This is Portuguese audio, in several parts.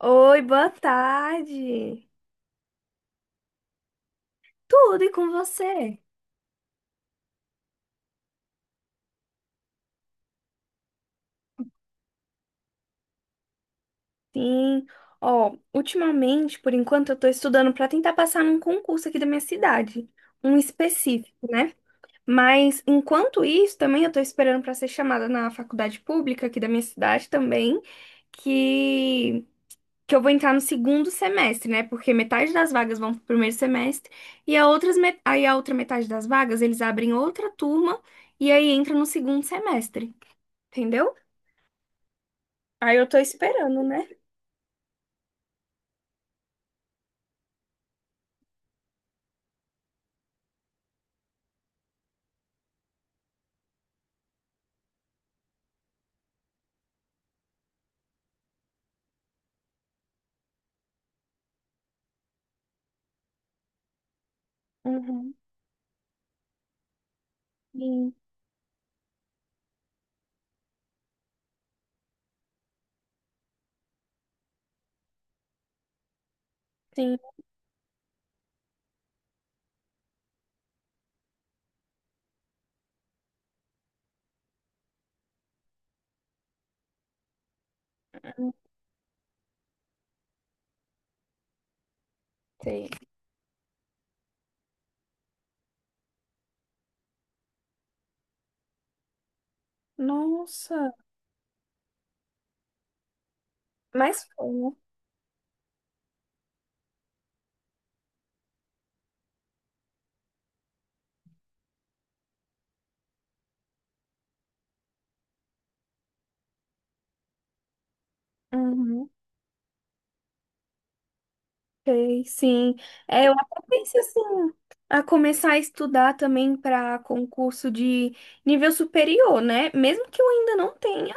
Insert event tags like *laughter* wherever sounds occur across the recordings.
Oi, boa tarde. Tudo e com você? Sim. Ó, ultimamente, por enquanto, eu tô estudando para tentar passar num concurso aqui da minha cidade, um específico, né? Mas enquanto isso, também eu tô esperando para ser chamada na faculdade pública aqui da minha cidade também, que que eu vou entrar no segundo semestre, né? Porque metade das vagas vão pro primeiro semestre e aí a outra metade das vagas eles abrem outra turma e aí entra no segundo semestre, entendeu? Aí eu tô esperando, né? Uhum. Sim, sim. Eu. Sei. Nossa, mas foi, né? Uhum. Sei, sim. É, eu até pensei assim, a começar a estudar também para concurso de nível superior, né? Mesmo que eu ainda não tenha.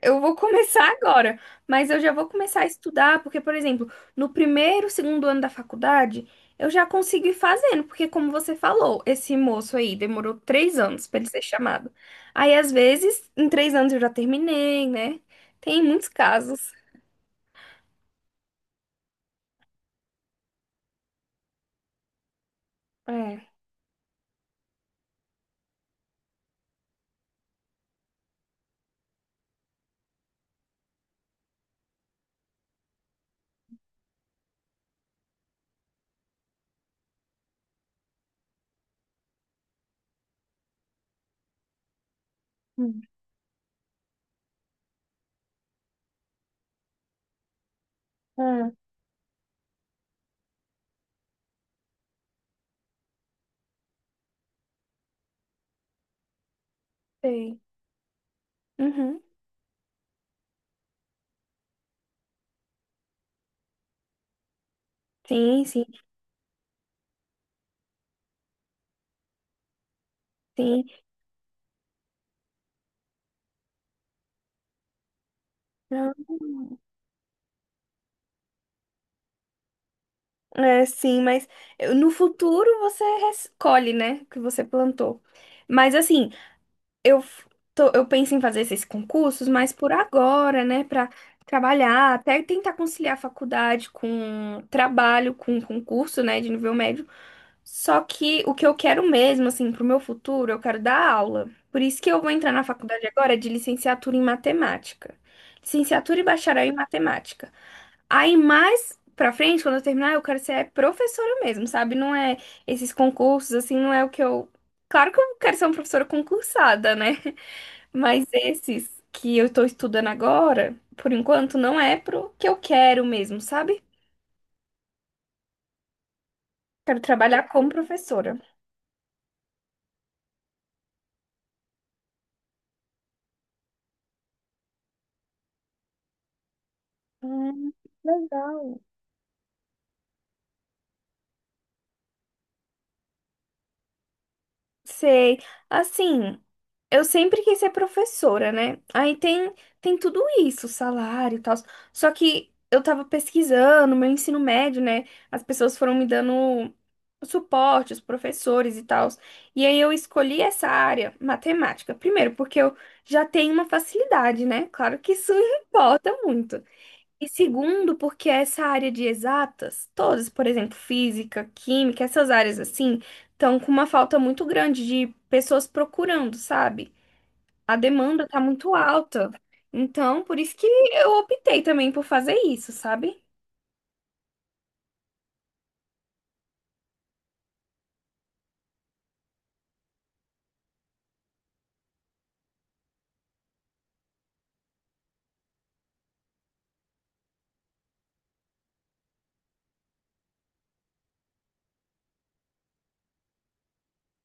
Eu vou começar agora, mas eu já vou começar a estudar, porque, por exemplo, no primeiro, segundo ano da faculdade, eu já consigo ir fazendo, porque, como você falou, esse moço aí demorou 3 anos para ele ser chamado. Aí, às vezes, em 3 anos eu já terminei, né? Tem muitos casos. É. Hum. Ah, sei. Uhum. Sim, sim, sim. Não, é, sim, mas no futuro você escolhe, né, o que você plantou. Mas assim, eu, f- eu penso em fazer esses concursos, mas por agora, né, para trabalhar, até tentar conciliar a faculdade com trabalho, com concurso, né, de nível médio. Só que o que eu quero mesmo, assim, pro meu futuro, eu quero dar aula. Por isso que eu vou entrar na faculdade agora de licenciatura em matemática. Licenciatura e bacharel em matemática. Aí mais pra frente, quando eu terminar, eu quero ser professora mesmo, sabe? Não é esses concursos, assim, não é o que eu. Claro que eu quero ser uma professora concursada, né? Mas esses que eu estou estudando agora, por enquanto, não é pro que eu quero mesmo, sabe? Quero trabalhar como professora. Hum, legal. Sei. Assim, eu sempre quis ser professora, né? Aí tem, tem tudo isso, salário e tal. Só que eu tava pesquisando, meu ensino médio, né? As pessoas foram me dando suporte, os professores e tal. E aí eu escolhi essa área, matemática. Primeiro, porque eu já tenho uma facilidade, né? Claro que isso *laughs* importa muito. E segundo, porque essa área de exatas, todas, por exemplo, física, química, essas áreas assim, estão com uma falta muito grande de pessoas procurando, sabe? A demanda está muito alta. Então, por isso que eu optei também por fazer isso, sabe?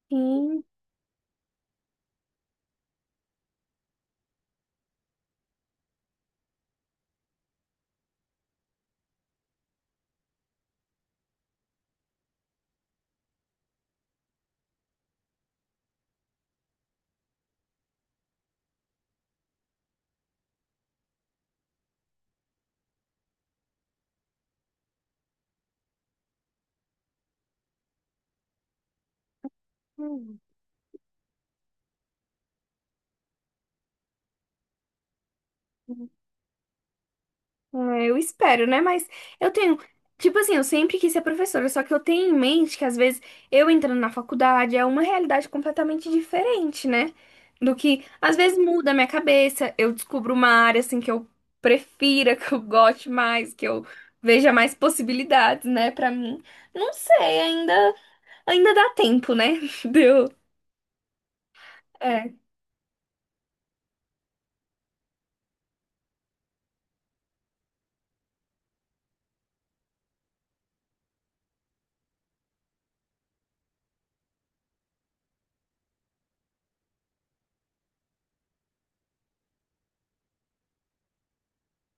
Sim. É, eu espero, né? Mas eu tenho. Tipo assim, eu sempre quis ser professora, só que eu tenho em mente que às vezes eu entrando na faculdade é uma realidade completamente diferente, né? Do que às vezes muda a minha cabeça, eu descubro uma área assim que eu prefira, *laughs* que eu goste mais, que eu veja mais possibilidades, né, pra mim. Não sei, ainda dá tempo, né? *laughs* Deu. É.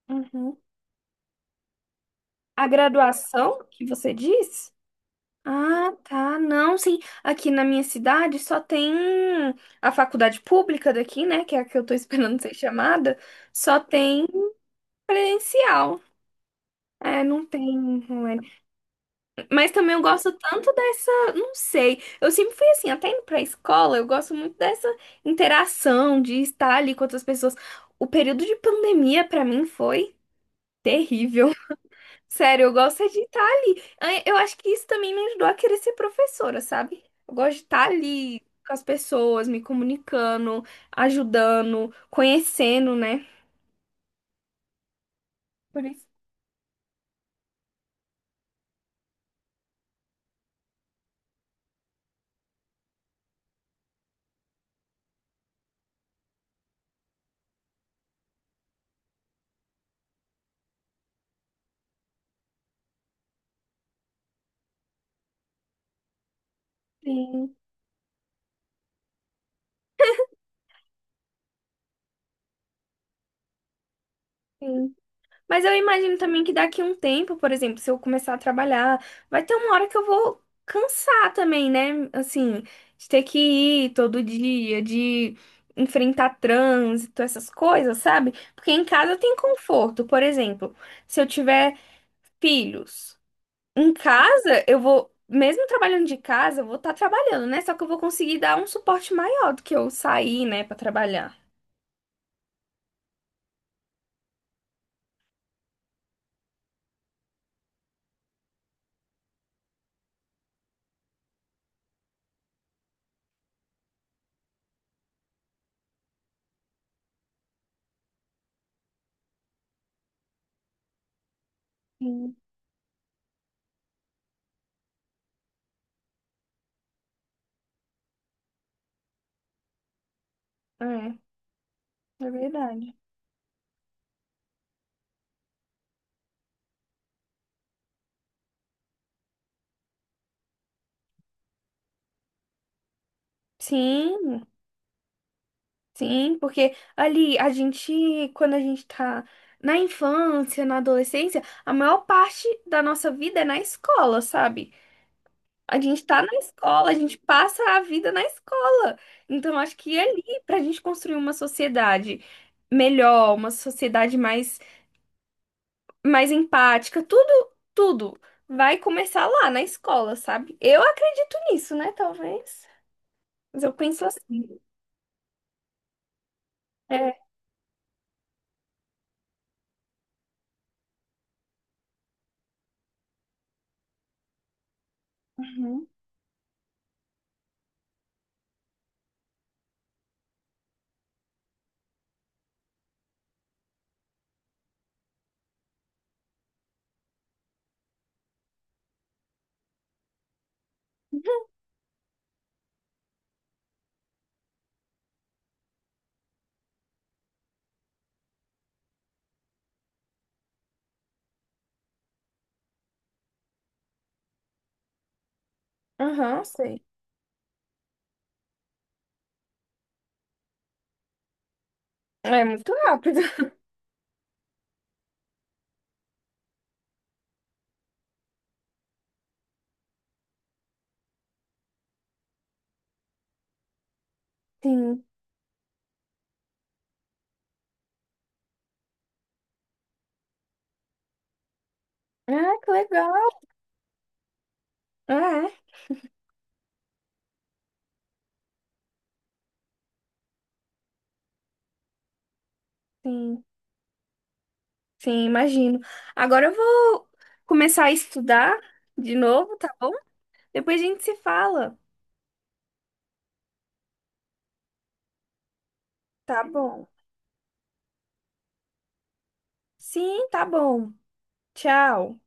Uhum. A graduação que você disse? Ah, tá. Não, sim. Aqui na minha cidade só tem a faculdade pública daqui, né? Que é a que eu tô *laughs* esperando ser chamada. Só tem presencial. É, não tem online. Mas também eu gosto tanto dessa. Não sei. Eu sempre fui assim, até indo pra escola, eu gosto muito dessa interação, de estar ali com outras pessoas. O período de pandemia, pra mim, foi terrível. Sério, eu gosto é de estar ali. Ah, eu acho que isso também me ajudou a querer ser professora, sabe? Eu gosto de estar ali com as pessoas, me comunicando, ajudando, conhecendo, né? Por isso, sim, sim. Mas eu imagino também que daqui a um tempo, por exemplo, se eu começar a trabalhar, vai ter uma hora que eu vou cansar também, né? Assim, de ter que ir todo dia, de enfrentar trânsito, essas coisas, sabe? Porque em casa tem conforto, por exemplo. Se eu tiver filhos. Em casa, eu vou, mesmo trabalhando de casa, eu vou estar trabalhando, né? Só que eu vou conseguir dar um suporte maior do que eu sair, né, para trabalhar. Sim, é, é verdade. Sim, sim, porque ali a gente, quando a gente tá na infância, na adolescência, a maior parte da nossa vida é na escola, sabe? A gente tá na escola, a gente passa a vida na escola. Então, acho que é ali, pra gente construir uma sociedade melhor, uma sociedade mais empática, tudo, tudo vai começar lá na escola, sabe? Eu acredito nisso, né? Talvez. Mas eu penso assim. É. Uhum. Aham, sei. É muito rápido. *laughs* Sim. Ah, que legal. É, sim. Sim, imagino. Agora eu vou começar a estudar de novo, tá bom? Depois a gente se fala. Tá bom. Sim, tá bom. Tchau.